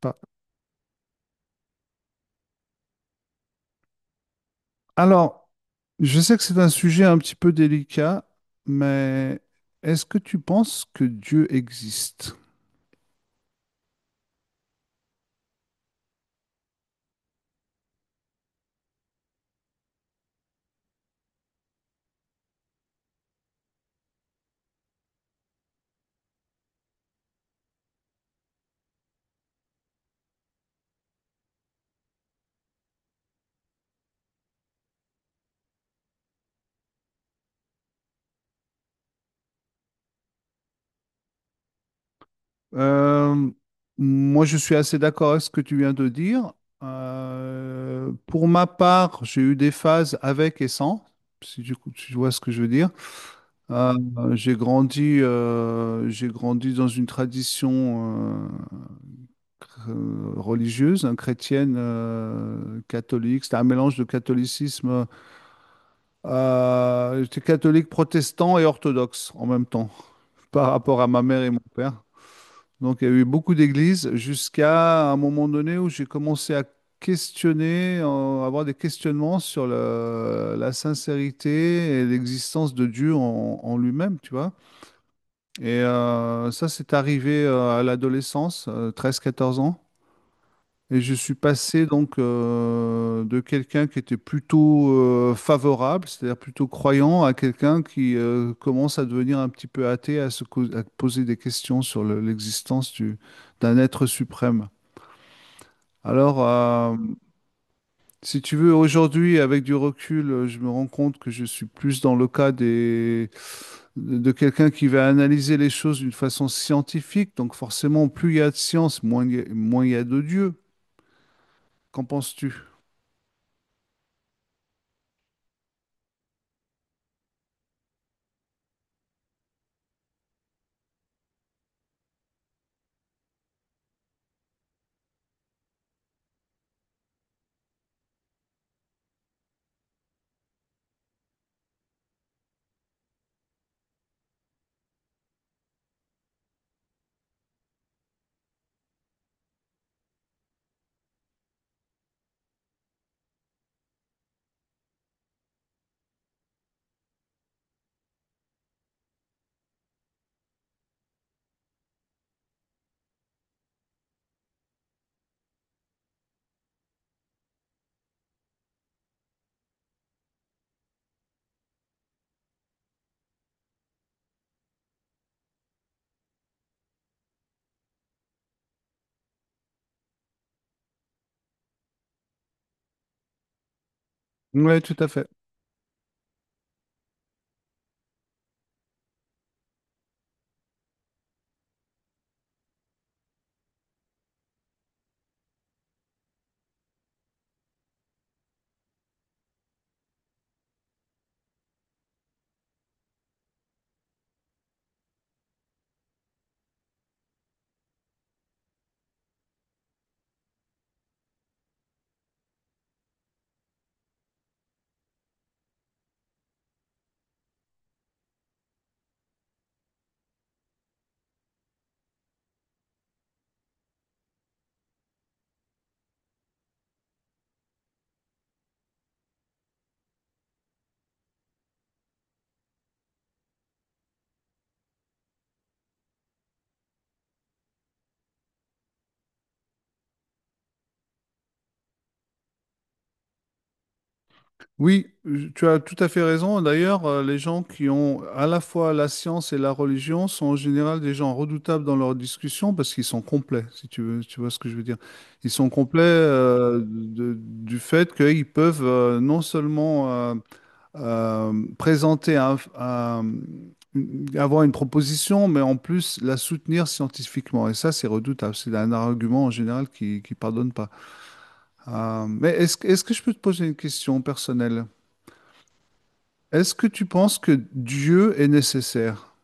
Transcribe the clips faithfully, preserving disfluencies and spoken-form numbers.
Pas- Alors, je sais que c'est un sujet un petit peu délicat, mais est-ce que tu penses que Dieu existe? Euh, Moi, je suis assez d'accord avec ce que tu viens de dire. Euh, pour ma part, j'ai eu des phases avec et sans, si tu, si tu vois ce que je veux dire. Euh, j'ai grandi, euh, j'ai grandi dans une tradition euh, euh, religieuse, hein, chrétienne, euh, catholique. C'était un mélange de catholicisme. euh, j'étais catholique, protestant et orthodoxe en même temps, par rapport à ma mère et mon père. Donc, il y a eu beaucoup d'églises jusqu'à un moment donné où j'ai commencé à questionner, euh, avoir des questionnements sur le- la sincérité et l'existence de Dieu en, en lui-même, tu vois. Et euh, ça, c'est arrivé euh, à l'adolescence, treize à quatorze ans. Et je suis passé donc euh, de quelqu'un qui était plutôt euh, favorable, c'est-à-dire plutôt croyant, à quelqu'un qui euh, commence à devenir un petit peu athée, à se cau- à poser des questions sur le- l'existence du- d'un être suprême. Alors, euh, Si tu veux, aujourd'hui, avec du recul, euh, je me rends compte que je suis plus dans le cas des, de de quelqu'un qui va analyser les choses d'une façon scientifique. Donc forcément, plus il y a de science, moins il y a, moins il y a de Dieu. Qu'en penses-tu? Oui, tout à fait. Oui, je- tu as tout à fait raison. D'ailleurs, euh, les gens qui ont à la fois la science et la religion sont en général des gens redoutables dans leurs discussions parce qu'ils sont complets, si tu veux, tu vois ce que je veux dire. Ils sont complets euh, de- du fait qu'ils peuvent euh, non seulement euh, euh, présenter un- un- une- avoir une proposition, mais en plus la soutenir scientifiquement. Et ça, c'est redoutable. C'est un argument en général qui ne pardonne pas. Euh, mais est-ce, que- est-ce que je peux te poser une question personnelle? Est-ce que tu penses que Dieu est nécessaire?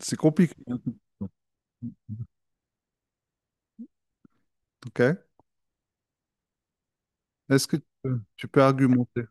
C'est compliqué, ok? Est-ce que tu peux, tu peux argumenter?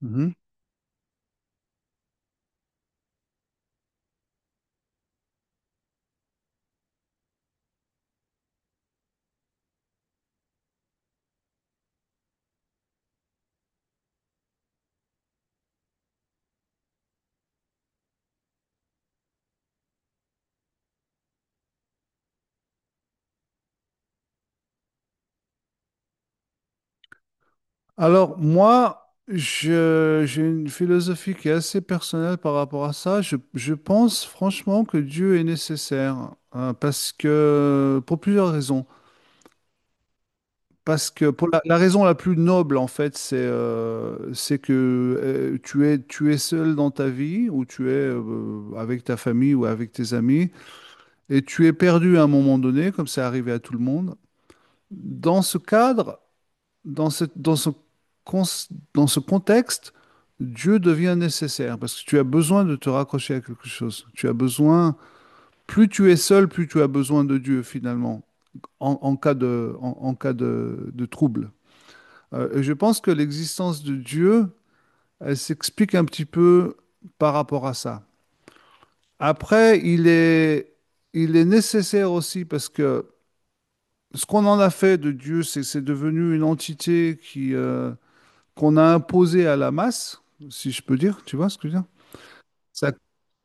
Mhm. Alors, moi, je- j'ai une philosophie qui est assez personnelle par rapport à ça. Je, je pense franchement que Dieu est nécessaire, hein, parce que, pour plusieurs raisons. Parce que pour la, la raison la plus noble, en fait, c'est euh, c'est que euh, tu es, tu es seul dans ta vie, ou tu es euh, avec ta famille ou avec tes amis. Et tu es perdu à un moment donné, comme c'est arrivé à tout le monde. Dans ce cadre, dans ce, dans ce, cons- Dans ce contexte, Dieu devient nécessaire parce que tu as besoin de te raccrocher à quelque chose. Tu as besoin, plus tu es seul, plus tu as besoin de Dieu finalement, en, en cas de, en, en cas de, de trouble. Euh, et je pense que l'existence de Dieu, elle s'explique un petit peu par rapport à ça. Après, il est, il est nécessaire aussi parce que ce qu'on en a fait de Dieu, c'est c'est devenu une entité qui euh, qu'on a imposée à la masse, si je peux dire, tu vois ce que je veux dire? Ça-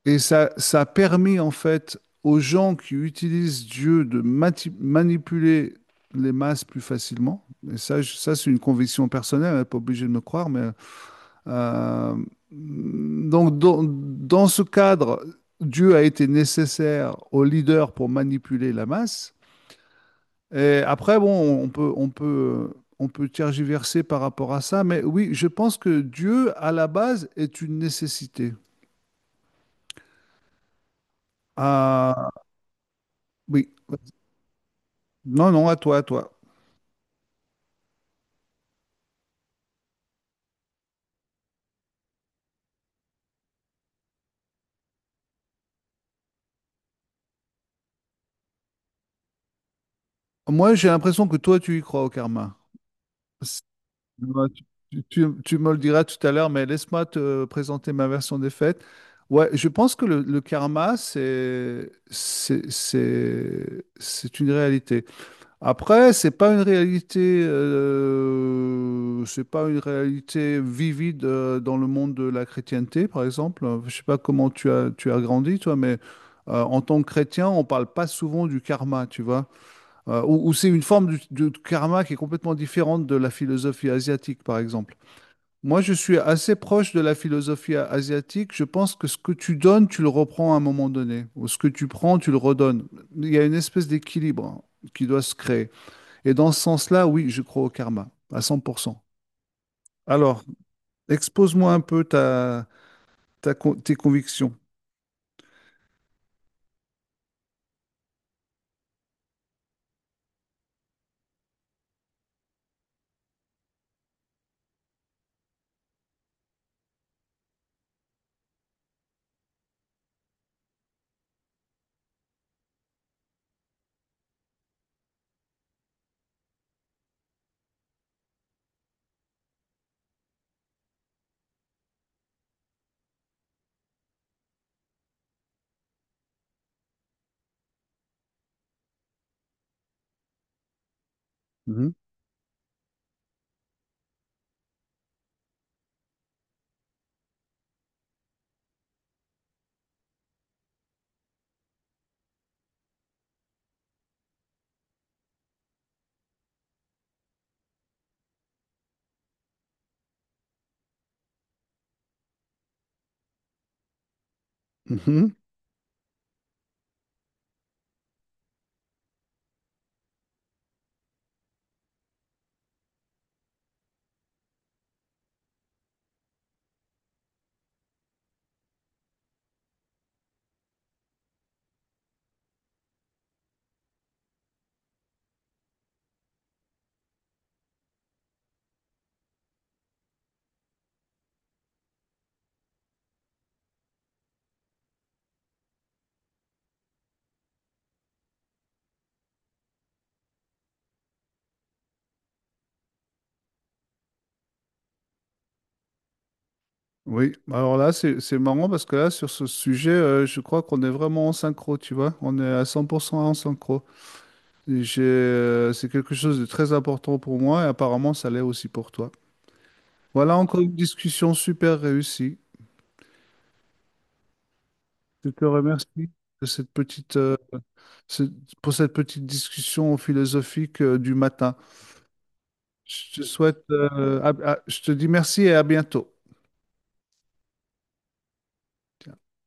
et ça, ça a permis en fait aux gens qui utilisent Dieu de mati- manipuler les masses plus facilement. Et ça, je- ça c'est une conviction personnelle, elle n'est pas obligée de me croire, mais euh, donc dans, dans ce cadre, Dieu a été nécessaire aux leaders pour manipuler la masse. Et après, bon, on peut, on peut, on peut tergiverser par rapport à ça, mais oui, je pense que Dieu, à la base, est une nécessité. Ah, oui. Non, non, à toi, à toi. Moi, j'ai l'impression que toi, tu y crois au karma. C'est- ouais, Tu, tu- tu- tu me le diras tout à l'heure, mais laisse-moi te présenter ma version des faits. Ouais, je pense que le, le karma, c'est, c'est, c'est, c'est une réalité. Après, c'est pas une réalité, euh, c'est pas une réalité vivide euh, dans le monde de la chrétienté, par exemple. Je sais pas comment tu as, tu as grandi, toi, mais euh, en tant que chrétien, on parle pas souvent du karma, tu vois. Euh, ou ou c'est une forme du- de karma qui est complètement différente de la philosophie asiatique, par exemple. Moi, je suis assez proche de la philosophie a- asiatique. Je pense que ce que tu donnes, tu le reprends à un moment donné, ou ce que tu prends, tu le redonnes. Il y a une espèce d'équilibre hein, qui doit se créer. Et dans ce sens-là, oui, je crois au karma, à cent pour cent. Alors, expose-moi un peu ta, ta con- tes convictions. Mhm. Mhm. Oui, alors là, c'est, c'est marrant parce que là, sur ce sujet, euh, je crois qu'on est vraiment en synchro, tu vois. On est à cent pour cent en synchro. Et j'ai, euh, c'est quelque chose de très important pour moi et apparemment, ça l'est aussi pour toi. Voilà encore une discussion super réussie. Je te remercie de cette petite, euh, ce- pour cette petite discussion philosophique, euh, du matin. Je te souhaite, euh, à- à- je te dis merci et à bientôt.